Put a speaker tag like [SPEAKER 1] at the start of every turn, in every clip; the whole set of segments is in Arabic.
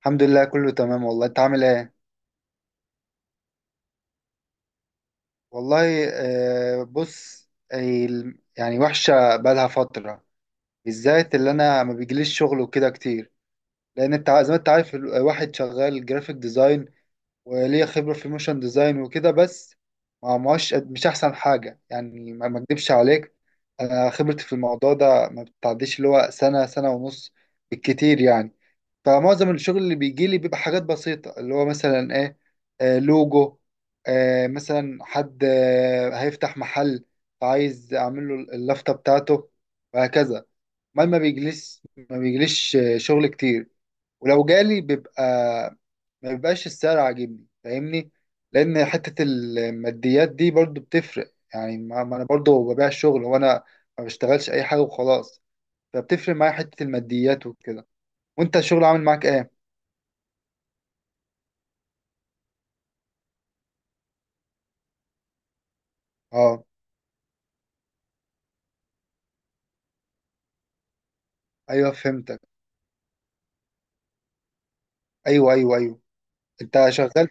[SPEAKER 1] الحمد لله، كله تمام والله. انت عامل ايه؟ والله بص. يعني وحشه بقالها فتره، بالذات اللي انا ما بيجيليش شغل وكده كتير، لان انت زي ما انت عارف، الواحد شغال جرافيك ديزاين وليه خبره في الموشن ديزاين وكده. بس ما ماش مش احسن حاجه يعني، ما اكدبش عليك. انا خبرتي في الموضوع ده ما بتعديش اللي هو سنه، سنه ونص بالكتير يعني. فمعظم الشغل اللي بيجي لي بيبقى حاجات بسيطة، اللي هو مثلا ايه، لوجو، مثلا حد هيفتح محل، عايز اعمل له اللافتة بتاعته، وهكذا. ما ما بيجلس ما بيجليش شغل كتير، ولو جالي بيبقى ما بيبقاش السعر عاجبني، فاهمني؟ لان حتة الماديات دي برضو بتفرق، يعني ما انا برضو ببيع الشغل، وانا ما بشتغلش اي حاجة وخلاص، فبتفرق معايا حتة الماديات وكده. وانت الشغل عامل معاك ايه؟ اه. ايوه فهمتك. ايوه، ايوه، ايوه. انت شغال.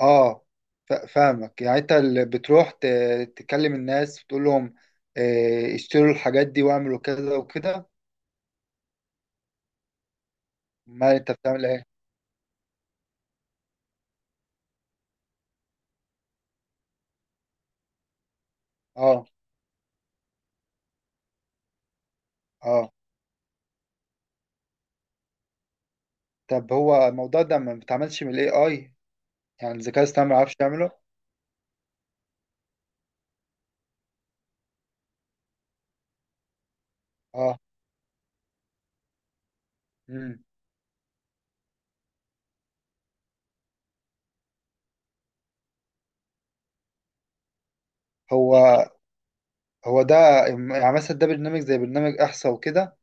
[SPEAKER 1] اه. فاهمك، يعني انت اللي بتروح تكلم الناس وتقول لهم اشتروا الحاجات دي واعملوا كذا وكده. ما انت بتعمل ايه. اه. اه. طب هو الموضوع ده ما بيتعملش من الاي اي؟ يعني الذكاء الاصطناعي ما يعرفش يعمله؟ اه. امم. هو هو ده، يعني مثلا ده برنامج زي برنامج احصى وكده.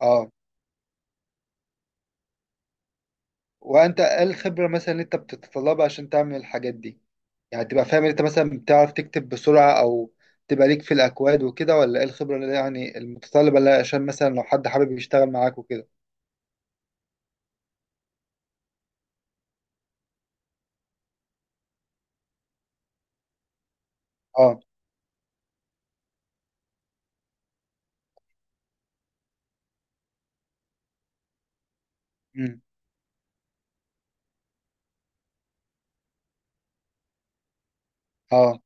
[SPEAKER 1] اه. وانت ايه الخبرة مثلا اللي انت بتتطلبها عشان تعمل الحاجات دي؟ يعني تبقى فاهم انت مثلا، بتعرف تكتب بسرعة او تبقى ليك في الاكواد وكده، ولا ايه الخبرة اللي يعني المتطلبة، اللي عشان مثلا لو حد حابب يشتغل معاك وكده؟ اه. امم. اه.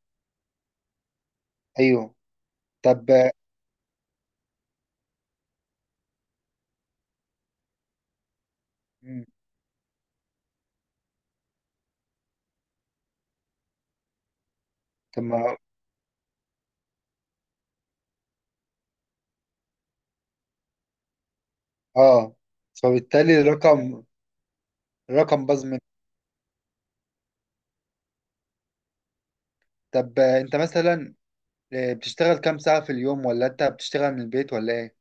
[SPEAKER 1] ايوه. طب. مم. طب ما اه. فبالتالي الرقم، الرقم باظ منك. طب انت مثلا بتشتغل كام ساعة في اليوم، ولا انت بتشتغل من البيت، ولا ايه؟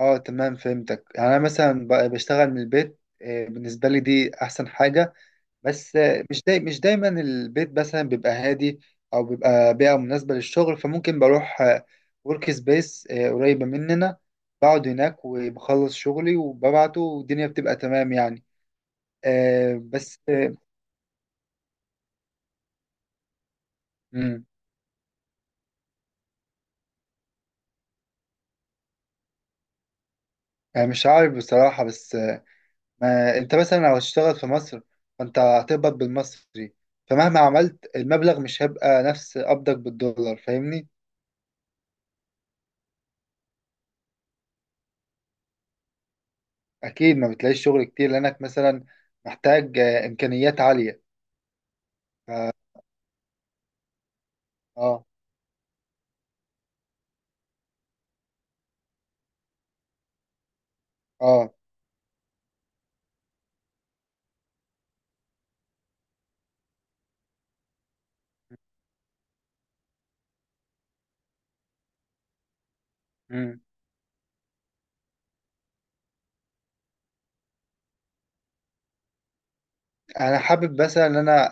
[SPEAKER 1] اه تمام فهمتك. يعني انا مثلا بشتغل من البيت، بالنسبة لي دي احسن حاجة. بس مش داي مش دايما البيت مثلا بيبقى هادي او بيبقى بيئة مناسبة للشغل، فممكن بروح ورك سبيس قريبة مننا، بقعد هناك وبخلص شغلي وببعته، والدنيا بتبقى تمام يعني. آه، بس آه، مم، آه، مش عارف بصراحة، بس ما انت مثلا لو هتشتغل في مصر، فانت هتقبض بالمصري، فمهما عملت المبلغ مش هيبقى نفس قبضك بالدولار، فاهمني. اكيد ما بتلاقيش شغل كتير، لانك مثلا محتاج امكانيات عالية. اه. اه. مم. انا حابب بس ان انا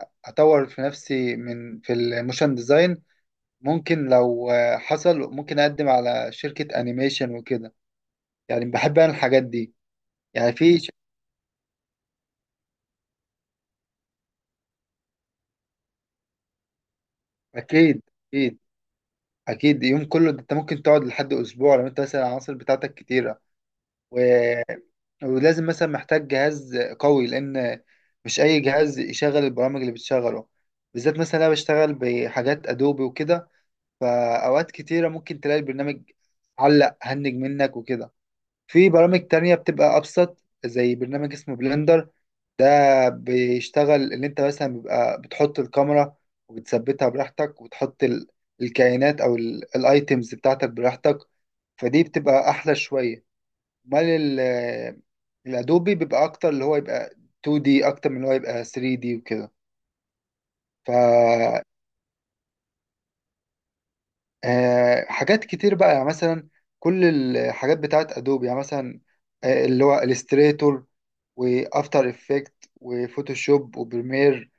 [SPEAKER 1] اطور في نفسي من في الموشن ديزاين. ممكن لو حصل، ممكن اقدم على شركة انيميشن وكده، يعني بحب انا الحاجات دي. يعني في اكيد. اكيد. اكيد يوم كله. ده انت ممكن تقعد لحد اسبوع لو انت مثلا العناصر بتاعتك كتيرة. و... ولازم مثلا، محتاج جهاز قوي، لان مش اي جهاز يشغل البرامج اللي بتشغله، بالذات مثلا انا بشتغل بحاجات ادوبي وكده. فأوقات كتيرة ممكن تلاقي البرنامج علق، هنج منك وكده. في برامج تانية بتبقى أبسط، زي برنامج اسمه بلندر. ده بيشتغل اللي انت مثلا بيبقى بتحط الكاميرا وبتثبتها براحتك، وتحط الكائنات او الايتيمز بتاعتك براحتك، فدي بتبقى احلى شوية. امال الادوبي بيبقى اكتر، اللي هو يبقى 2D اكتر من اللي هو يبقى 3D وكده. ف آه، حاجات كتير بقى، يعني مثلا كل الحاجات بتاعت ادوبي. يعني مثلا اللي هو الستريتور وافتر افكت وفوتوشوب وبريمير،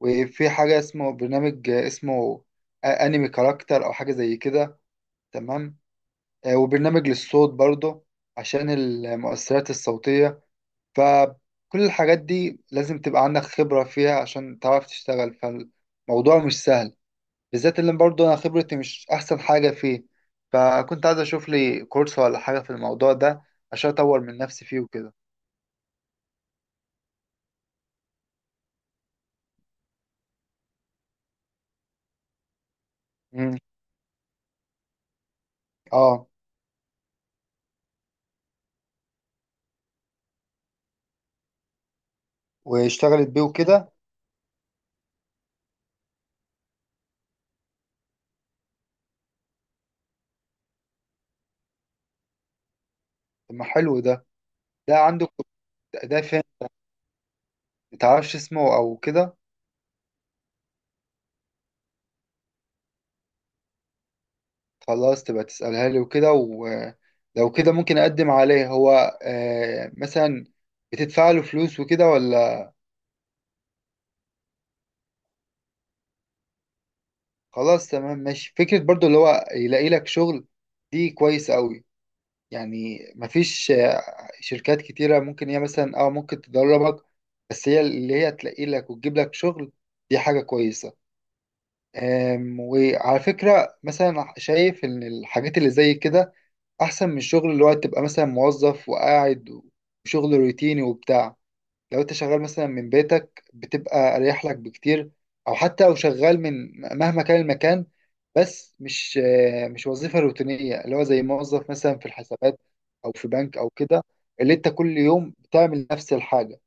[SPEAKER 1] وفي حاجه اسمه برنامج اسمه انمي كاركتر او حاجه زي كده، تمام. وبرنامج للصوت برضه، عشان المؤثرات الصوتيه. فكل الحاجات دي لازم تبقى عندك خبره فيها عشان تعرف تشتغل، فالموضوع مش سهل، بالذات اللي برضه انا خبرتي مش احسن حاجه فيه. فكنت عايز اشوف لي كورس ولا حاجه في الموضوع ده، عشان اطور من نفسي فيه وكده. امم. اه. واشتغلت بيه وكده. طب ما حلو ده. ده عندك. ده فين؟ متعرفش اسمه او كده؟ خلاص تبقى تسألها لي وكده، ولو كده ممكن اقدم عليه. هو مثلا بتدفع له فلوس وكده ولا؟ خلاص تمام ماشي. فكرة برضو اللي هو يلاقي لك شغل، دي كويس قوي. يعني مفيش شركات كتيرة، ممكن هي مثلا ممكن تدربك، بس هي اللي هي تلاقي لك وتجيب لك شغل، دي حاجة كويسة. وعلى فكرة مثلا، شايف إن الحاجات اللي زي كده أحسن من الشغل اللي هو تبقى مثلا موظف وقاعد، وشغل روتيني وبتاع. لو انت شغال مثلا من بيتك، بتبقى اريح لك بكتير، او حتى لو شغال من مهما كان المكان، بس مش مش وظيفة روتينية، اللي هو زي موظف مثلا في الحسابات او في بنك او كده، اللي انت كل يوم بتعمل نفس الحاجة.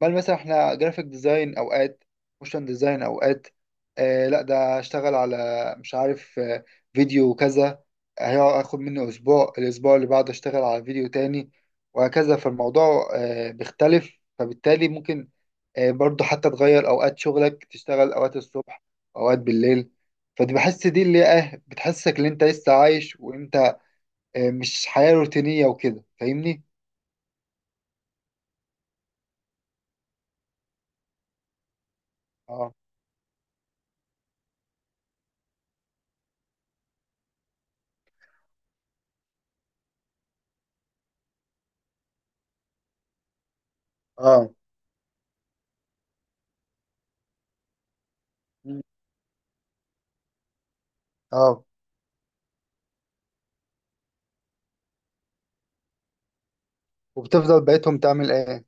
[SPEAKER 1] بل مثلا احنا جرافيك ديزاين اوقات، موشن ديزاين اوقات، لا ده اشتغل على، مش عارف فيديو كذا، هياخد مني اسبوع، الاسبوع اللي بعده اشتغل على فيديو تاني، وهكذا. فالموضوع بيختلف، فبالتالي ممكن برضو حتى تغير اوقات شغلك، تشتغل اوقات الصبح، اوقات بالليل، فدي بحس دي اللي بتحسسك ان انت لسه عايش، وانت مش حياة روتينية وكده، فاهمني؟ اه. اه. مم. اه. وبتفضل بقيتهم تعمل ايه؟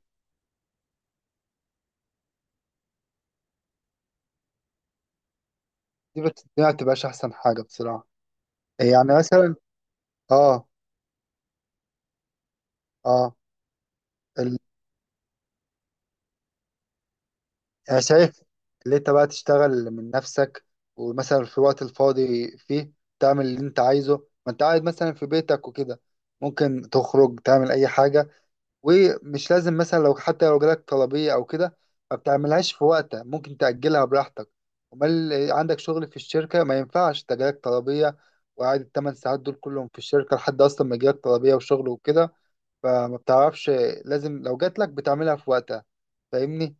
[SPEAKER 1] دي ما بتبقاش احسن حاجه بصراحه، يعني مثلا. اه. اه. ال... انا شايف اللي انت بقى تشتغل من نفسك، ومثلا في الوقت الفاضي فيه تعمل اللي انت عايزه. ما انت قاعد مثلا في بيتك وكده، ممكن تخرج تعمل اي حاجه، ومش لازم مثلا، لو حتى لو جالك طلبية أو كده ما بتعملهاش في وقتها، ممكن تأجلها براحتك. أمال عندك شغل في الشركة ما ينفعش، ده جالك طلبية وقاعد التمن ساعات دول كلهم في الشركة لحد أصلا ما يجيلك طلبية وشغل وكده، فما بتعرفش. لازم لو جاتلك بتعملها في وقتها، فاهمني.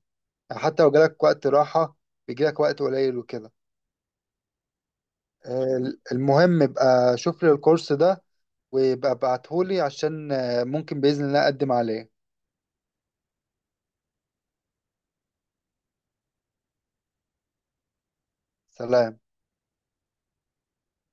[SPEAKER 1] يعني حتى لو جالك وقت راحة، بيجيلك وقت قليل وكده. آه، المهم ابقى شوف لي الكورس ده، وابقى ابعتهولي عشان ممكن بإذن الله أقدم عليه. سلام.